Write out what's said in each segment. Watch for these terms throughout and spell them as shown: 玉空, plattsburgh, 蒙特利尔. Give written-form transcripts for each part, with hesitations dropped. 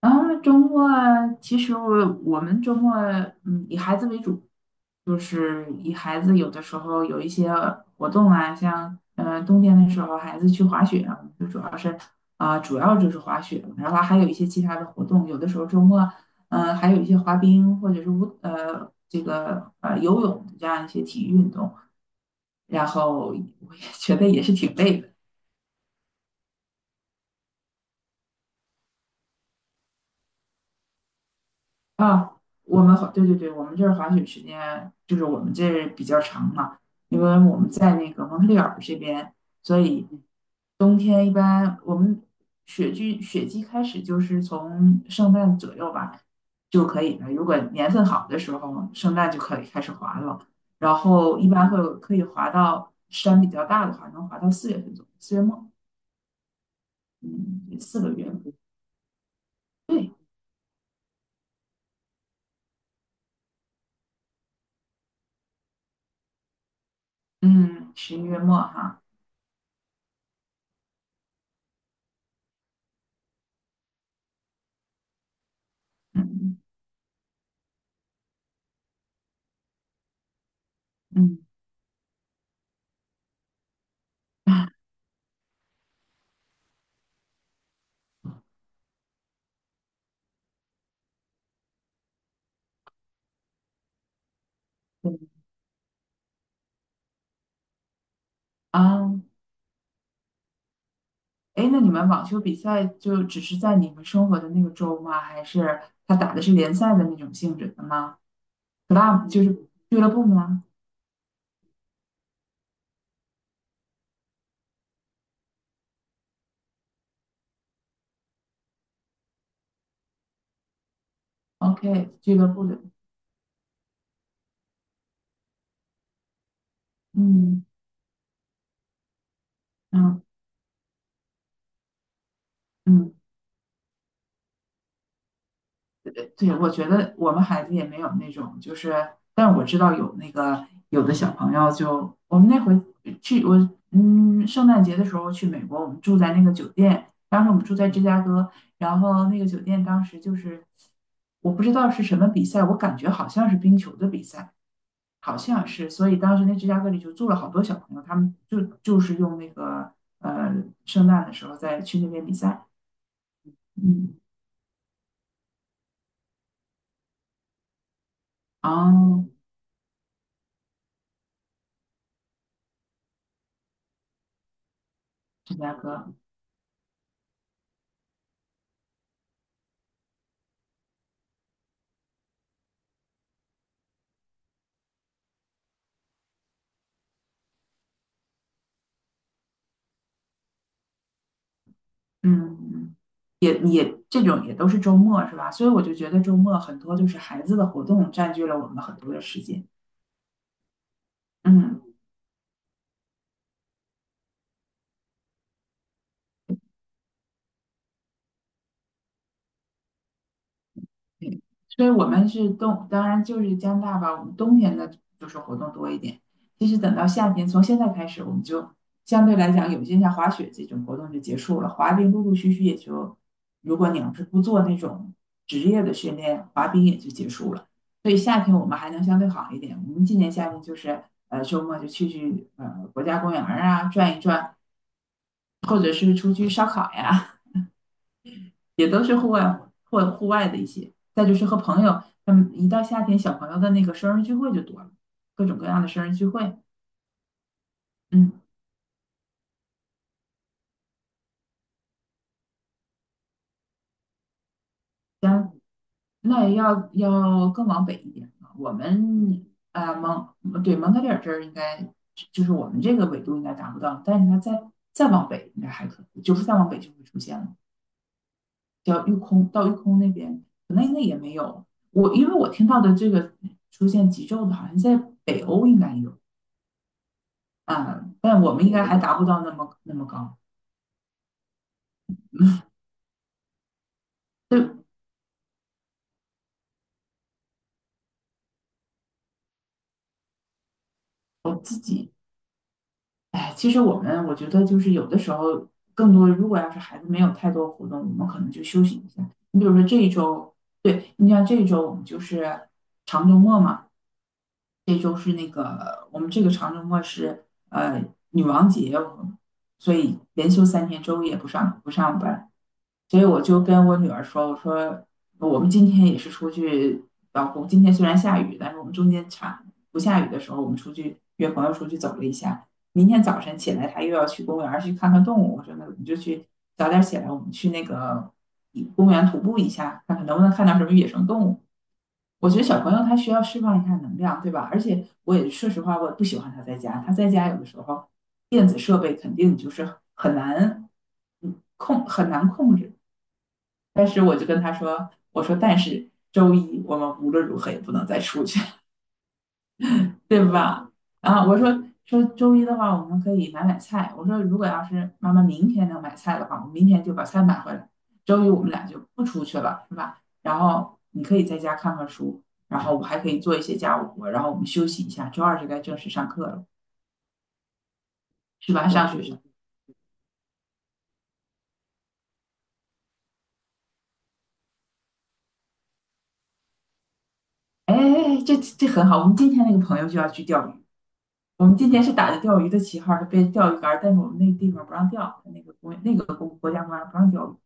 啊，周末啊，其实我们周末嗯以孩子为主，就是以孩子有的时候有一些活动啊，像冬天的时候孩子去滑雪啊，我们就主要是主要就是滑雪，然后还有一些其他的活动，有的时候周末还有一些滑冰或者是这个游泳这样一些体育运动，然后我也觉得也是挺累的。啊，我们滑，对对对，我们这儿滑雪时间就是我们这儿比较长嘛，因为我们在那个蒙特利尔这边，所以冬天一般我们雪季开始就是从圣诞左右吧就可以了。如果年份好的时候，圣诞就可以开始滑了，然后一般会有可以滑到山比较大的话，能滑到四月份左右，四月末，嗯，四个月。对，嗯，十一月末哈，嗯嗯。对啊，哎，那你们网球比赛就只是在你们生活的那个州吗？还是他打的是联赛的那种性质的吗？club 就是俱乐部吗？OK，俱乐部的，嗯嗯嗯。对，我觉得我们孩子也没有那种，就是，但我知道有那个有的小朋友就，我们那回去我嗯，圣诞节的时候去美国，我们住在那个酒店，当时我们住在芝加哥，然后那个酒店当时就是我不知道是什么比赛，我感觉好像是冰球的比赛，好像是，所以当时那芝加哥里就住了好多小朋友，他们就是用那个呃圣诞的时候再去那边比赛，嗯，哦，芝加哥，嗯。嗯也也这种也都是周末是吧？所以我就觉得周末很多就是孩子的活动占据了我们很多的时间。嗯，对，所以我们是冬，当然就是加拿大吧，我们冬天的就是活动多一点。其实等到夏天，从现在开始，我们就相对来讲，有些像滑雪这种活动就结束了，滑冰陆陆续续也就，如果你要是不做那种职业的训练，滑冰也就结束了。所以夏天我们还能相对好一点。我们今年夏天就是周末就去国家公园儿啊转一转，或者是出去烧烤呀，也都是户外活或户外的一些。再就是和朋友，他们一到夏天，小朋友的那个生日聚会就多了，各种各样的生日聚会。嗯，咱那也要更往北一点啊。我们蒙特利尔这儿应该就是我们这个纬度应该达不到，但是它再往北应该还可以，就是再往北就会出现了，叫玉空到玉空那边，可能那也没有。我因为我听到的这个出现极昼的，好像在北欧应该有，啊，但我们应该还达不到那么那么高。对我自己，哎，其实我觉得就是有的时候，更多如果要是孩子没有太多活动，我们可能就休息一下。你比如说这一周，对，你像这一周我们就是长周末嘛，这周是那个我们这个长周末是女王节，所以连休三天，周五也不上班。所以我就跟我女儿说，我说我们今天也是出去，老公今天虽然下雨，但是我们中间差不下雨的时候，我们出去约朋友出去走了一下。明天早晨起来，他又要去公园儿去看看动物。我说那我们就去早点起来，我们去那个公园徒步一下，看看能不能看到什么野生动物。我觉得小朋友他需要释放一下能量，对吧？而且我也说实话，我也不喜欢他在家。他在家有的时候电子设备肯定就是很难控，很难控制。但是我就跟他说，我说但是周一我们无论如何也不能再出去，对吧？啊，我说周一的话，我们可以买菜。我说如果要是妈妈明天能买菜的话，我明天就把菜买回来。周一我们俩就不出去了，是吧？然后你可以在家看看书，然后我还可以做一些家务活，然后我们休息一下。周二就该正式上课了，是吧？上学去了。哎哎哎，这这很好。我们今天那个朋友就要去钓鱼，我们今天是打着钓鱼的旗号，是被钓鱼竿，但是我们那个地方不让钓，那个国那个国国家不让钓鱼。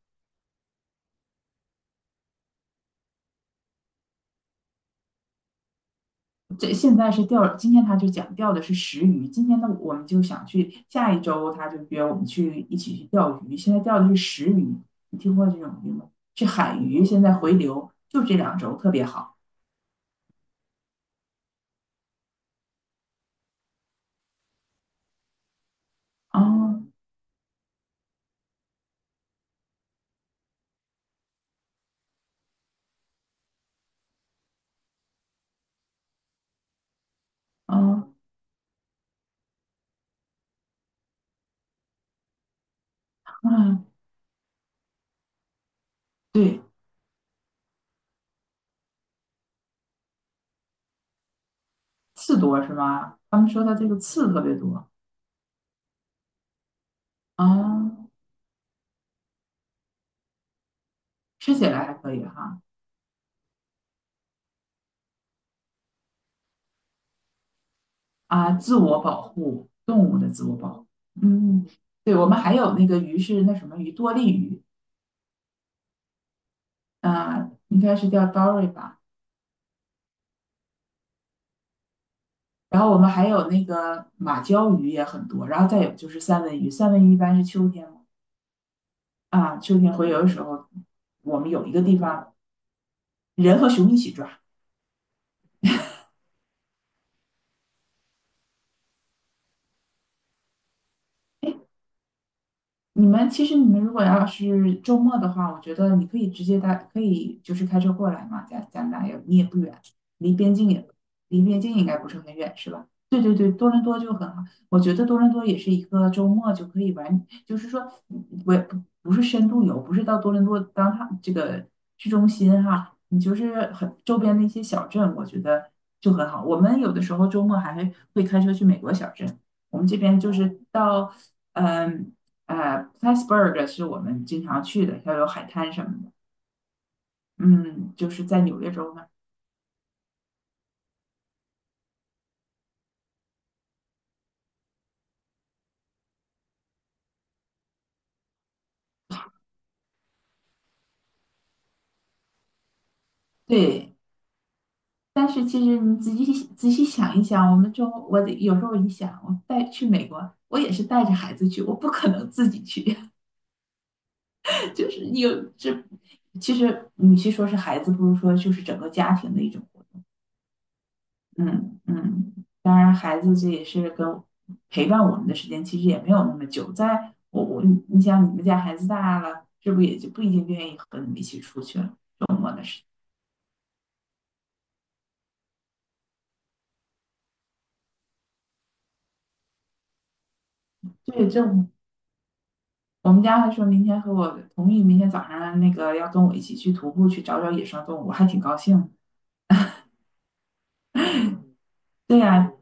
这现在是钓，今天他就讲钓的是食鱼，今天呢我们就想去，下一周他就约我们去一起去钓鱼。现在钓的是食鱼，你听过这种鱼吗？是海鱼，现在回流，就这两周特别好。哦哦嗯，对，刺多是吧？他们说它这个刺特别多啊，吃起来还可以哈。啊，自我保护，动物的自我保护。嗯，对，我们还有那个鱼是那什么鱼，多利鱼，啊，应该是叫 dory 吧。然后我们还有那个马鲛鱼也很多，然后再有就是三文鱼，三文鱼一般是秋天嘛，啊，秋天洄游的时候，我们有一个地方人和熊一起抓。你们其实你们如果要是周末的话，我觉得你可以直接带，可以就是开车过来嘛，加加拿大也你也不远，离边境也离边境应该不是很远，是吧？对对对，多伦多就很好，我觉得多伦多也是一个周末就可以玩，就是说嗯我也不不是深度游，不是到多伦多当它这个市中心哈，你就是很周边的一些小镇，我觉得就很好。我们有的时候周末还会开车去美国小镇。我们这边就是到，嗯、Plattsburg 是我们经常去的，要有海滩什么的。嗯，就是在纽约州那对，但是其实你仔细想一想，我们中我得有时候一想，我带去美国，我也是带着孩子去，我不可能自己去，就是有这。其实，与其说是孩子，不如说就是整个家庭的一种嗯嗯，当然，孩子这也是跟陪伴我们的时间其实也没有那么久。在我我你想，你们家孩子大了，是不是也就不一定愿意和你们一起出去了？对，这我们家还说明天和我同意，明天早上那个要跟我一起去徒步，去找找野生动物，我还挺高兴。对呀、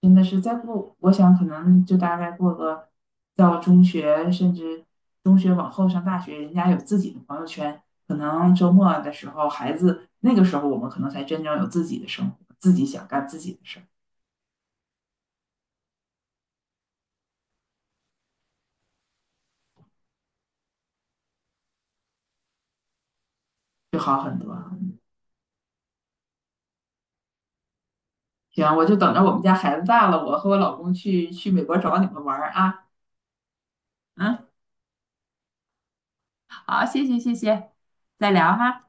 真的是再过，我想可能就大概过个到中学，甚至中学往后上大学，人家有自己的朋友圈，可能周末的时候，孩子那个时候我们可能才真正有自己的生活，自己想干自己的事儿，就好很多。行，我就等着我们家孩子大了，我和我老公去美国找你们玩儿啊。嗯，好，谢谢谢谢，再聊哈。